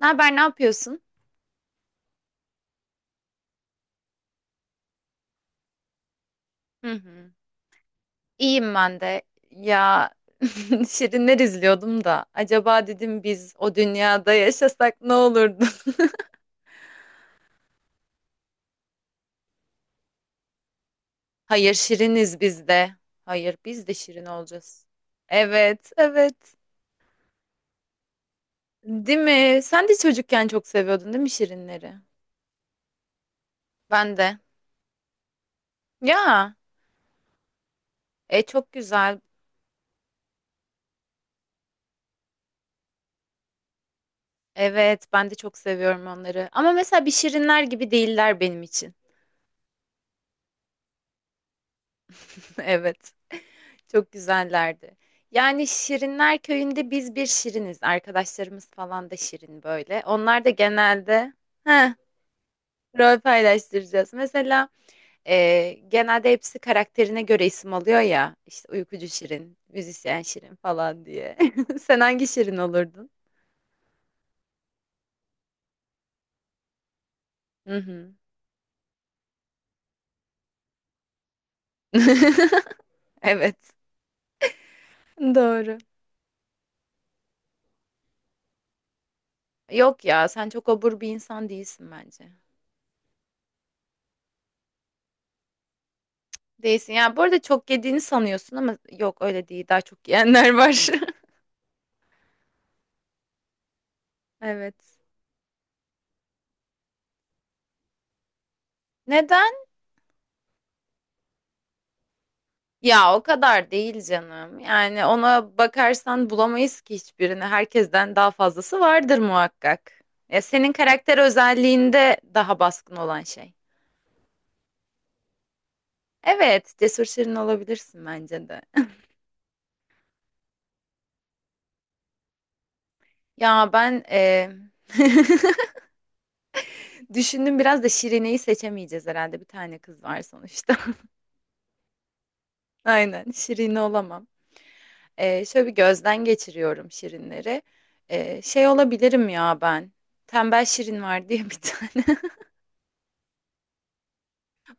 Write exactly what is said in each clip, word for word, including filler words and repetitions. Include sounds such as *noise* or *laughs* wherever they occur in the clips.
Ne haber, ne yapıyorsun? Hı hı. İyiyim ben de. Ya *laughs* Şirinler izliyordum da. Acaba dedim biz o dünyada yaşasak ne olurdu? *laughs* Hayır, Şiriniz biz de. Hayır, biz de Şirin olacağız. Evet, evet. Değil mi? Sen de çocukken çok seviyordun değil mi Şirinleri? Ben de. Ya, e çok güzel. Evet, ben de çok seviyorum onları. Ama mesela bir Şirinler gibi değiller benim için. *laughs* Evet. Çok güzellerdi. Yani Şirinler Köyü'nde biz bir şiriniz. Arkadaşlarımız falan da şirin böyle. Onlar da genelde heh, rol paylaştıracağız. Mesela e, genelde hepsi karakterine göre isim alıyor ya. İşte uykucu şirin, müzisyen şirin falan diye. *laughs* Sen hangi şirin olurdun? Hı hı. *laughs* Evet. Doğru. Yok ya sen çok obur bir insan değilsin bence. Değilsin. Ya bu arada çok yediğini sanıyorsun ama yok öyle değil. Daha çok yiyenler var. *laughs* Evet. Neden? Ya o kadar değil canım. Yani ona bakarsan bulamayız ki hiçbirini. Herkesten daha fazlası vardır muhakkak. Ya senin karakter özelliğinde daha baskın olan şey. Evet, cesur şirin olabilirsin bence de. *laughs* Ya ben e, *laughs* düşündüm biraz da Şirine'yi seçemeyeceğiz herhalde. Bir tane kız var sonuçta. *laughs* Aynen, Şirine olamam. E, şöyle bir gözden geçiriyorum Şirinleri. E, şey olabilirim ya ben. Tembel Şirin var diye bir *laughs* tane.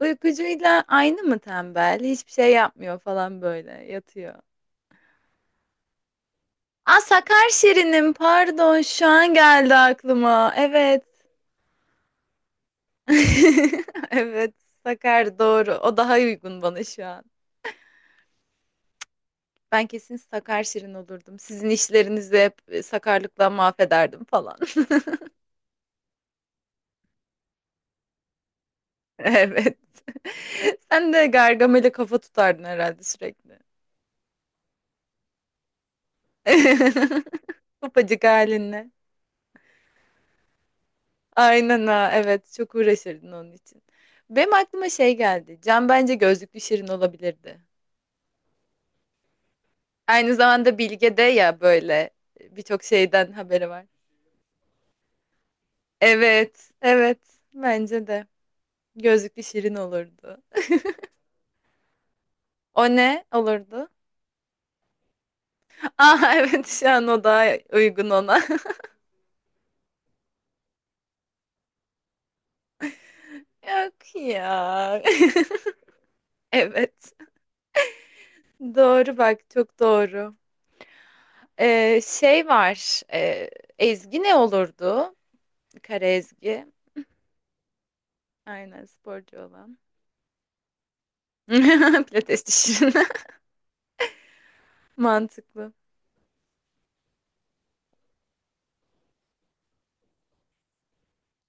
Uykucuyla aynı mı tembel? Hiçbir şey yapmıyor falan böyle yatıyor. Aa sakar şirinim pardon şu an geldi aklıma. Evet. *laughs* Evet sakar doğru. O daha uygun bana şu an. Ben kesin sakar şirin olurdum. Sizin işlerinizi hep e, sakarlıkla mahvederdim falan. *laughs* Evet. *laughs* Sen de Gargamel'e kafa tutardın herhalde sürekli. *laughs* Topacık halinle. Aynen ha evet çok uğraşırdın onun için. Benim aklıma şey geldi. Can bence gözlüklü Şirin olabilirdi. Aynı zamanda Bilge de ya böyle birçok şeyden haberi var. Evet evet bence de gözlüklü Şirin olurdu. O ne olurdu? Aa *laughs* evet şu an o daha uygun ona. *laughs* Yok ya. *laughs* Evet doğru bak çok doğru. Ee, şey var ee, Ezgi ne olurdu? Kara Ezgi. Aynen sporcu olan. *laughs* Pilates dişinin. *laughs* Mantıklı.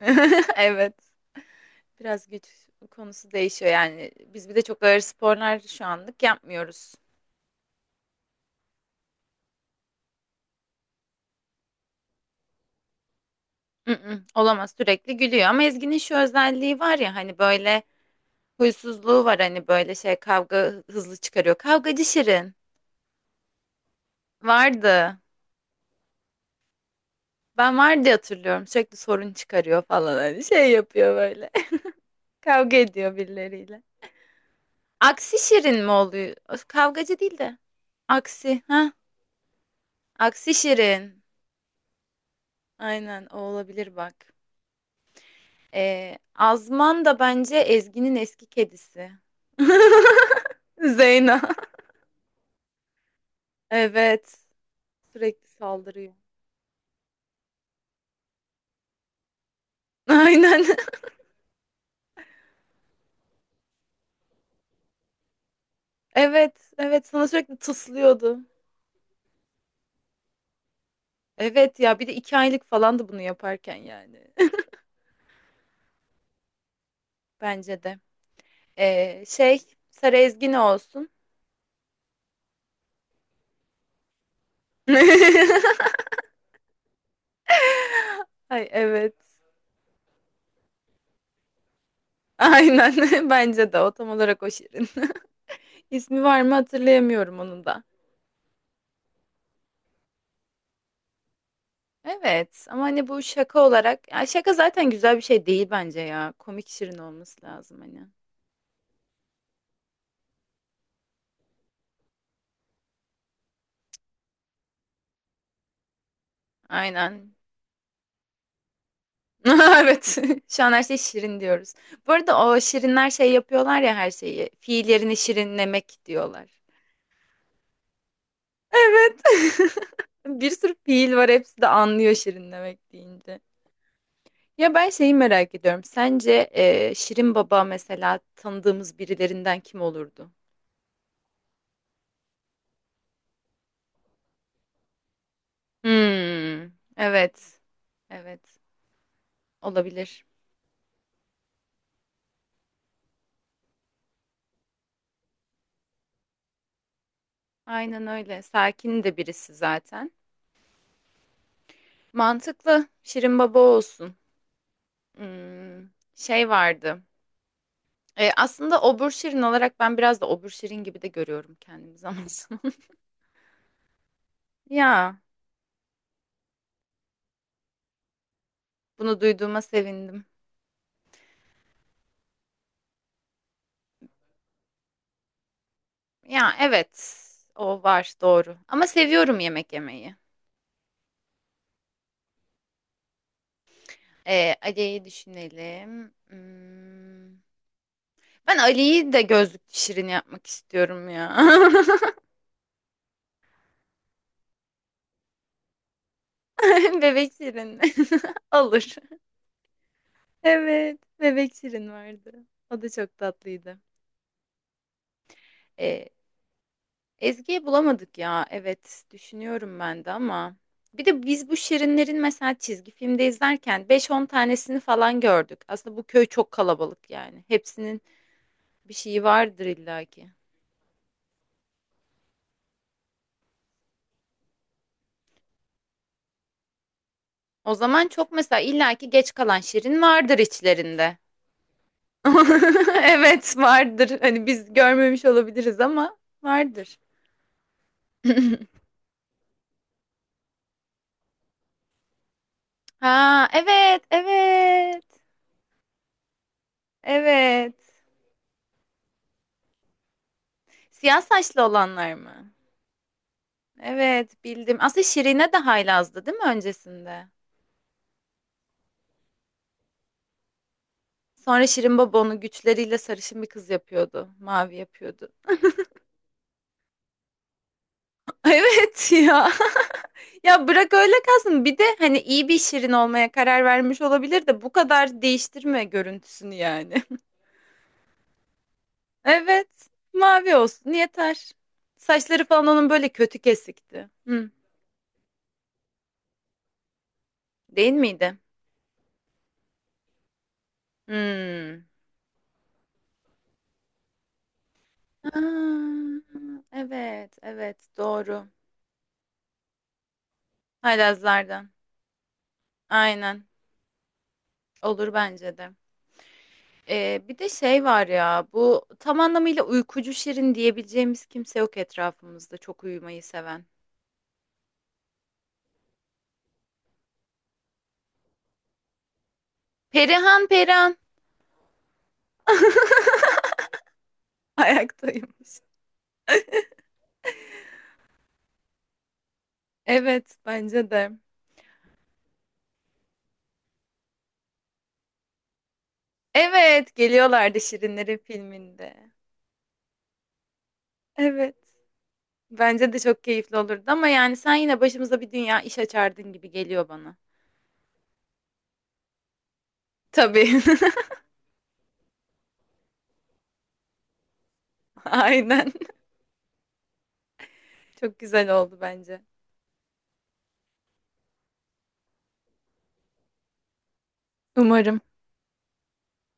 *laughs* Evet. Biraz güç konusu değişiyor yani. Biz bir de çok ağır sporlar şu anlık yapmıyoruz. Mm-mm, olamaz sürekli gülüyor ama Ezgi'nin şu özelliği var ya hani böyle huysuzluğu var hani böyle şey kavga hızlı çıkarıyor. Kavgacı Şirin vardı. Ben vardı hatırlıyorum. Sürekli sorun çıkarıyor falan hani şey yapıyor böyle. *laughs* Kavga ediyor birileriyle. Aksi şirin mi oluyor? Öf, Kavgacı değil de. Aksi. Ha? Aksi şirin. Aynen o olabilir bak. Ee, Azman da bence Ezgi'nin eski kedisi. *laughs* Zeyna. Evet. Sürekli saldırıyor. *laughs* Aynen. Evet. Evet sana sürekli tıslıyordu. Evet ya bir de iki aylık falandı bunu yaparken yani. *laughs* Bence de. Ee, şey Sarı Ezgi ne olsun? *laughs* Ay evet. Aynen *laughs* bence de o tam olarak o şirin. *laughs* İsmi var mı hatırlayamıyorum onun da. Evet ama hani bu şaka olarak ya şaka zaten güzel bir şey değil bence ya. Komik şirin olması lazım hani. Aynen. *laughs* Evet *laughs* şu an her şey şirin diyoruz. Bu arada o şirinler şey yapıyorlar ya her şeyi. Fiil yerini şirinlemek diyorlar. Evet. *laughs* Bir sürü fiil var hepsi de anlıyor şirinlemek deyince. Ya ben şeyi merak ediyorum. Sence e, Şirin Baba mesela tanıdığımız birilerinden kim olurdu? Hmm, evet. Evet. Olabilir. Aynen öyle. Sakin de birisi zaten. Mantıklı. Şirin Baba olsun. Hmm, şey vardı. E, aslında Obur Şirin olarak ben biraz da Obur Şirin gibi de görüyorum kendimi zaman zaman. *laughs* Ya bunu duyduğuma sevindim. Ya evet. O var doğru. Ama seviyorum yemek yemeyi. Ee, Ali'yi düşünelim. Hmm. Ben Ali'yi de gözlük şirin yapmak istiyorum ya. *laughs* Bebek şirin. *laughs* Olur. Evet. Bebek şirin vardı. O da çok tatlıydı. Ee, Ezgi'yi bulamadık ya. Evet. Düşünüyorum ben de ama. Bir de biz bu şirinlerin mesela çizgi filmde izlerken beş on tanesini falan gördük. Aslında bu köy çok kalabalık yani. Hepsinin bir şeyi vardır illaki. O zaman çok mesela illaki geç kalan Şirin vardır içlerinde. *laughs* Evet vardır. Hani biz görmemiş olabiliriz ama vardır. Ha evet evet evet. Siyah saçlı olanlar mı? Evet bildim. Aslında Şirin'e de haylazdı değil mi öncesinde? Sonra Şirin Baba onu güçleriyle sarışın bir kız yapıyordu. Mavi yapıyordu. *laughs* Evet ya. Ya bırak öyle kalsın. Bir de hani iyi bir şirin olmaya karar vermiş olabilir de bu kadar değiştirme görüntüsünü yani. *laughs* Evet, mavi olsun yeter. Saçları falan onun böyle kötü kesikti. Hı, değil miydi? Hmm. Aa, evet, evet doğru. Haylazlardan. Aynen. Olur bence de. Ee, bir de şey var ya bu tam anlamıyla uykucu şirin diyebileceğimiz kimse yok etrafımızda çok uyumayı seven. Perihan Perihan. *laughs* Ayaktaymış. Evet, bence de. Evet, geliyorlardı Şirinlerin filminde. Evet. Bence de çok keyifli olurdu ama yani sen yine başımıza bir dünya iş açardın gibi geliyor bana. Tabii. *laughs* Aynen. Çok güzel oldu bence. Umarım.